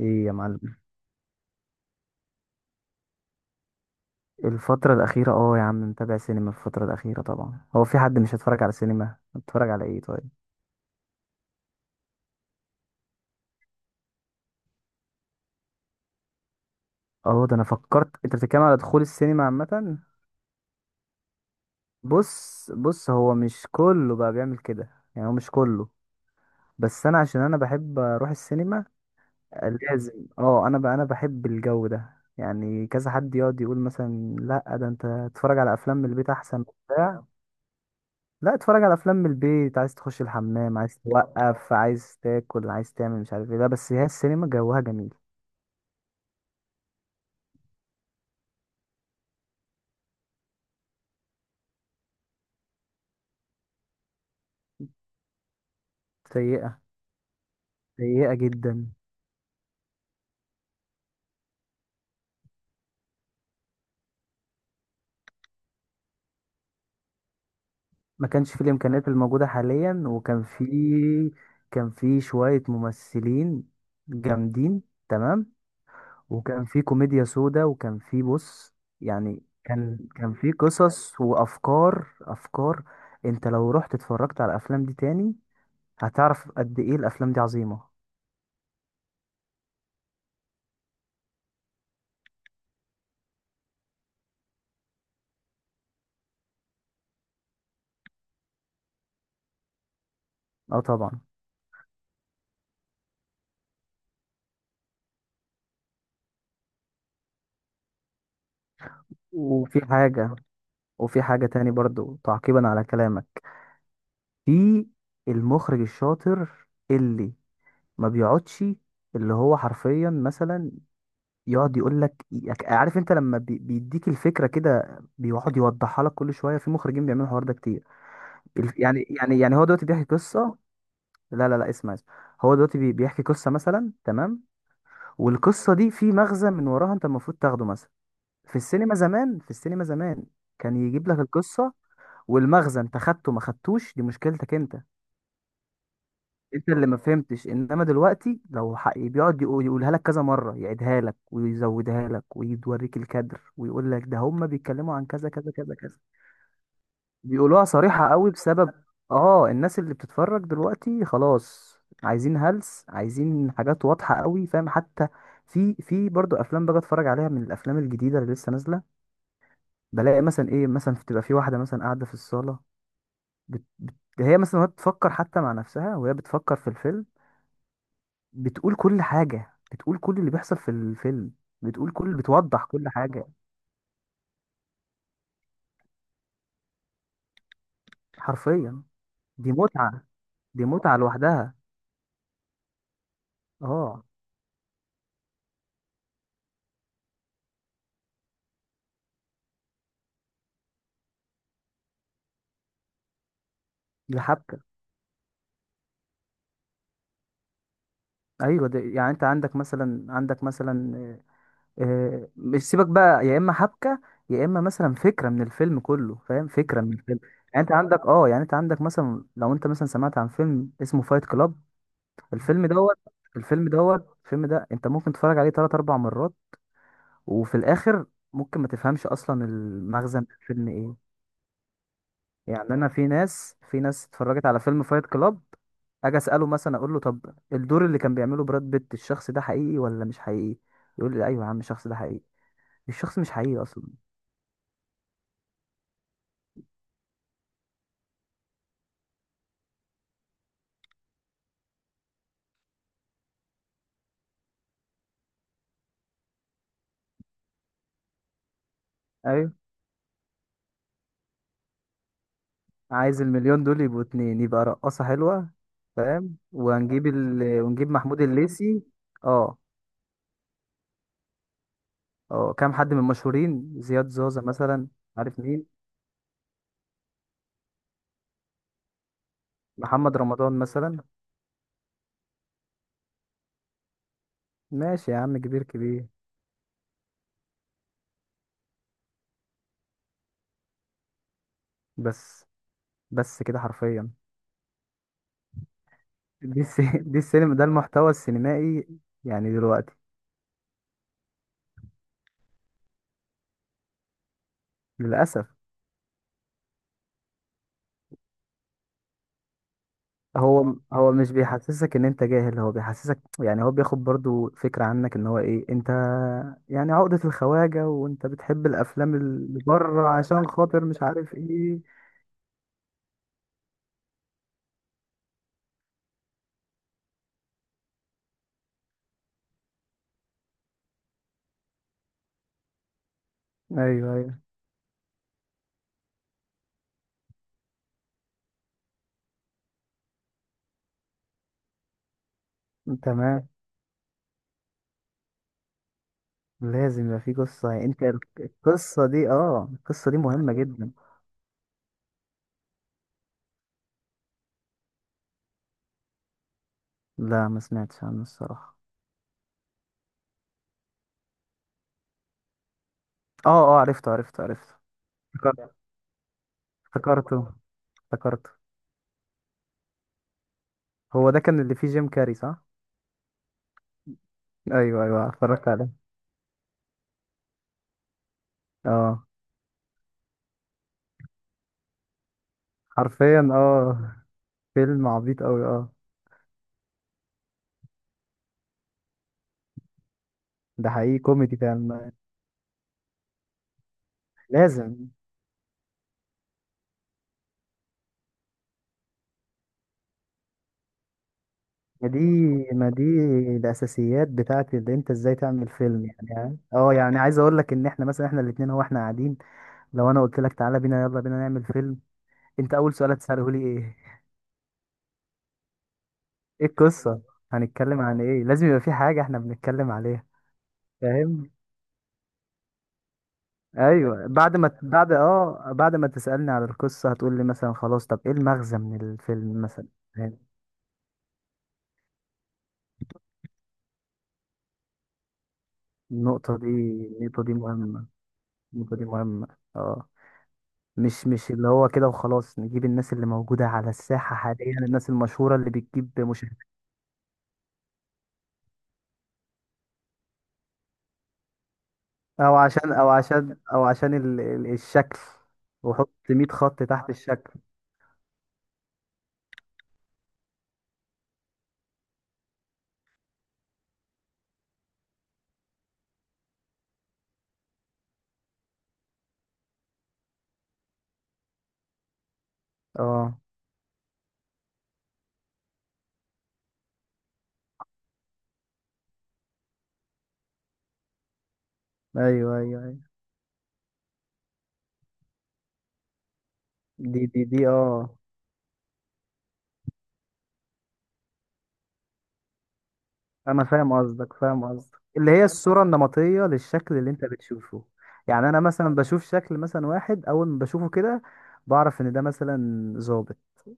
ايه يا معلم؟ الفترة الأخيرة، يا عم، متابع سينما الفترة الأخيرة. طبعا هو في حد مش هيتفرج على سينما؟ هتتفرج على ايه؟ طيب. اه، ده انا فكرت انت بتتكلم على دخول السينما عامة. بص بص، هو مش كله بقى بيعمل كده. يعني هو مش كله. بس انا عشان انا بحب اروح السينما لازم. اه انا بقى انا بحب الجو ده. يعني كذا حد يقعد يقول مثلا: لا ده انت تتفرج على افلام من البيت احسن وبتاع، لا اتفرج على افلام من البيت، عايز تخش الحمام، عايز توقف، عايز تاكل، عايز تعمل مش عارف ايه، لا بس هي السينما جوها جميل. سيئة. سيئة جدا. ما كانش في الامكانيات الموجودة حاليا، وكان في شوية ممثلين جامدين. تمام. وكان في كوميديا سودا، وكان في بص، يعني كان في قصص وافكار افكار. انت لو رحت اتفرجت على الافلام دي تاني هتعرف قد ايه الافلام دي عظيمة. اه، طبعا. وفي حاجة وفي حاجة تاني برضو تعقيبا على كلامك. في المخرج الشاطر اللي ما بيقعدش، اللي هو حرفيا مثلا يقعد يقول لك: عارف انت لما بيديك الفكرة كده بيقعد يوضحها لك كل شوية. في مخرجين بيعملوا الحوار ده كتير. يعني هو دلوقتي بيحكي قصة. لا لا لا، اسمع اسمع، هو دلوقتي بيحكي قصة مثلا. تمام. والقصة دي في مغزى من وراها، انت المفروض تاخده مثلا. في السينما زمان كان يجيب لك القصة. والمغزى انت خدته ما خدتوش، دي مشكلتك انت. انت اللي ما فهمتش. انما دلوقتي لو حق بيقعد يقولها لك كذا مره، يعيدها لك ويزودها لك ويوريك الكادر ويقول لك ده هم بيتكلموا عن كذا كذا كذا كذا. بيقولوها صريحه قوي، بسبب اه الناس اللي بتتفرج دلوقتي خلاص. عايزين هلس، عايزين حاجات واضحه قوي، فاهم حتى. في برضو افلام باجي اتفرج عليها من الافلام الجديده اللي لسه نازله. بلاقي مثلا ايه، مثلا بتبقى في واحده مثلا قاعده في الصاله، بت... بت... هي مثلا، وهي بتفكر حتى مع نفسها، وهي بتفكر في الفيلم، بتقول كل حاجة، بتقول كل اللي بيحصل في الفيلم، بتقول كل بتوضح كل حاجة حرفيا. دي متعة، دي متعة لوحدها. اه، دي حبكة. ايوه، دي يعني انت عندك مثلا مش، سيبك بقى، يا اما حبكة، يا اما مثلا فكرة من الفيلم كله، فاهم؟ فكرة من الفيلم. يعني انت عندك مثلا لو انت مثلا سمعت عن فيلم اسمه فايت كلاب. الفيلم دوت الفيلم دوت الفيلم ده انت ممكن تتفرج عليه تلات اربع مرات، وفي الاخر ممكن ما تفهمش اصلا المغزى من الفيلم ايه. يعني انا في ناس اتفرجت على فيلم فايت كلاب. اجي اساله مثلا، اقول له: طب الدور اللي كان بيعمله براد بيت، الشخص ده حقيقي ولا مش حقيقي؟ يقول لي: ايوه يا عم الشخص ده حقيقي. الشخص مش حقيقي اصلا. ايوه، عايز المليون دول يبقوا اتنين، يبقى رقاصة حلوة. فاهم. وهنجيب ونجيب محمود الليثي. اه. اه، كام حد من المشهورين، زياد زوزة مثلا. عارف مين؟ محمد رمضان مثلا. ماشي يا عم، كبير كبير. بس بس كده حرفيا. دي الس... دي السينما، ده المحتوى السينمائي يعني دلوقتي. للأسف. هو هو مش بيحسسك ان انت جاهل، هو بيحسسك يعني هو بياخد برضو فكرة عنك ان هو ايه انت. يعني عقدة الخواجة، وانت بتحب الافلام اللي بره عشان خاطر مش عارف ايه. ايوه، ايوه، تمام. لازم يبقى في قصة يعني انت. القصة دي مهمة جدا. لا، ما سمعتش عنه الصراحة. اه، اه، عرفته عرفته عرفته. افتكرت- افتكرته افتكرته. هو ده كان اللي فيه جيم كاري صح؟ ايوه ايوه، اتفرجت عليه. اه. حرفيا فيلم عبيط قوي ده حقيقي كوميدي فعلا. لازم. ما دي، ما دي الاساسيات بتاعت اللي انت ازاي تعمل فيلم. يعني عايز اقول لك ان احنا مثلا احنا الاتنين، هو احنا قاعدين. لو انا قلت لك: تعالى بينا، يلا بينا نعمل فيلم، انت اول سؤال هتساله لي ايه؟ ايه القصه؟ هنتكلم عن ايه؟ لازم يبقى في حاجه احنا بنتكلم عليها. فاهم. ايوه، بعد ما تسالني على القصه هتقول لي مثلا: خلاص، طب ايه المغزى من الفيلم مثلا؟ فاهم؟ النقطه دي مهمه. النقطه دي مهمه. اه. مش اللي هو كده وخلاص نجيب الناس اللي موجوده على الساحه حاليا، الناس المشهوره اللي بتجيب مشاهدات. او عشان الشكل، وحط 100 خط تحت الشكل. اه. ايوه ايوه ايوه. دي دي دي اه انا فاهم قصدك، فاهم قصدك، اللي هي الصورة النمطية للشكل اللي انت بتشوفه. يعني انا مثلا بشوف شكل مثلا واحد، اول ما بشوفه كده بعرف ان ده مثلا ظابط.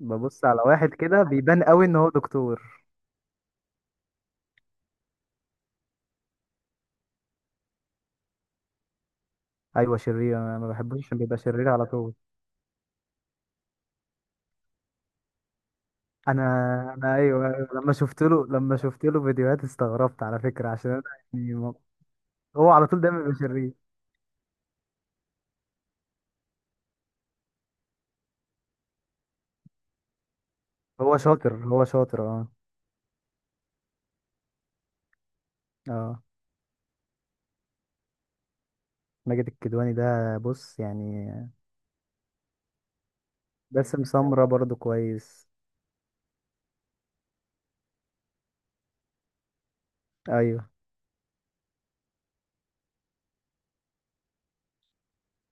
ببص على واحد كده بيبان قوي ان هو دكتور. ايوه، شرير. انا ما بحبوش عشان بيبقى شرير على طول. انا انا ايوه، أيوة، لما شفت له فيديوهات استغربت على فكرة، عشان انا يعني هو على طول دايما بيبقى شرير. هو شاطر، هو شاطر، اه. اه. ماجد الكدواني ده بص يعني. باسم سمرة برضو كويس. ايوه،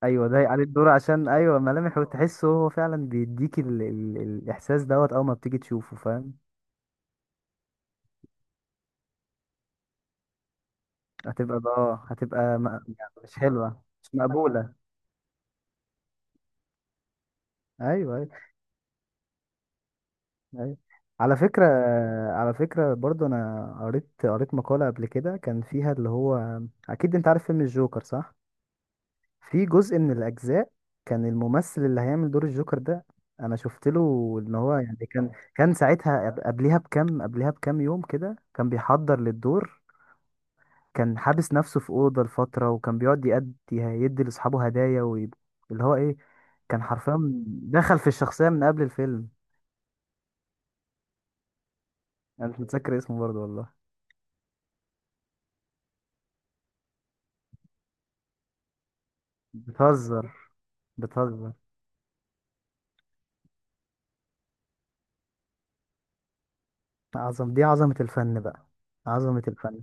ايوه، ضايق عليه الدور عشان ايوه ملامح، وتحسه هو فعلا بيديك الاحساس دوت اول ما بتيجي تشوفه فاهم. هتبقى يعني مش حلوه، مش مقبوله. ايوه ايوه ايوه، على فكره، برضو انا قريت مقاله قبل كده كان فيها اللي هو، اكيد انت عارف فيلم الجوكر صح؟ في جزء من الأجزاء، كان الممثل اللي هيعمل دور الجوكر ده، أنا شفت له إن هو يعني كان ساعتها قبلها بكام يوم كده كان بيحضر للدور. كان حابس نفسه في أوضة لفترة، وكان بيقعد يدي لأصحابه هدايا اللي هو إيه، كان حرفيا دخل في الشخصية من قبل الفيلم. أنا مش متذكر اسمه برضه والله. بتهزر، بتهزر. دي عظمة الفن بقى. عظمة الفن.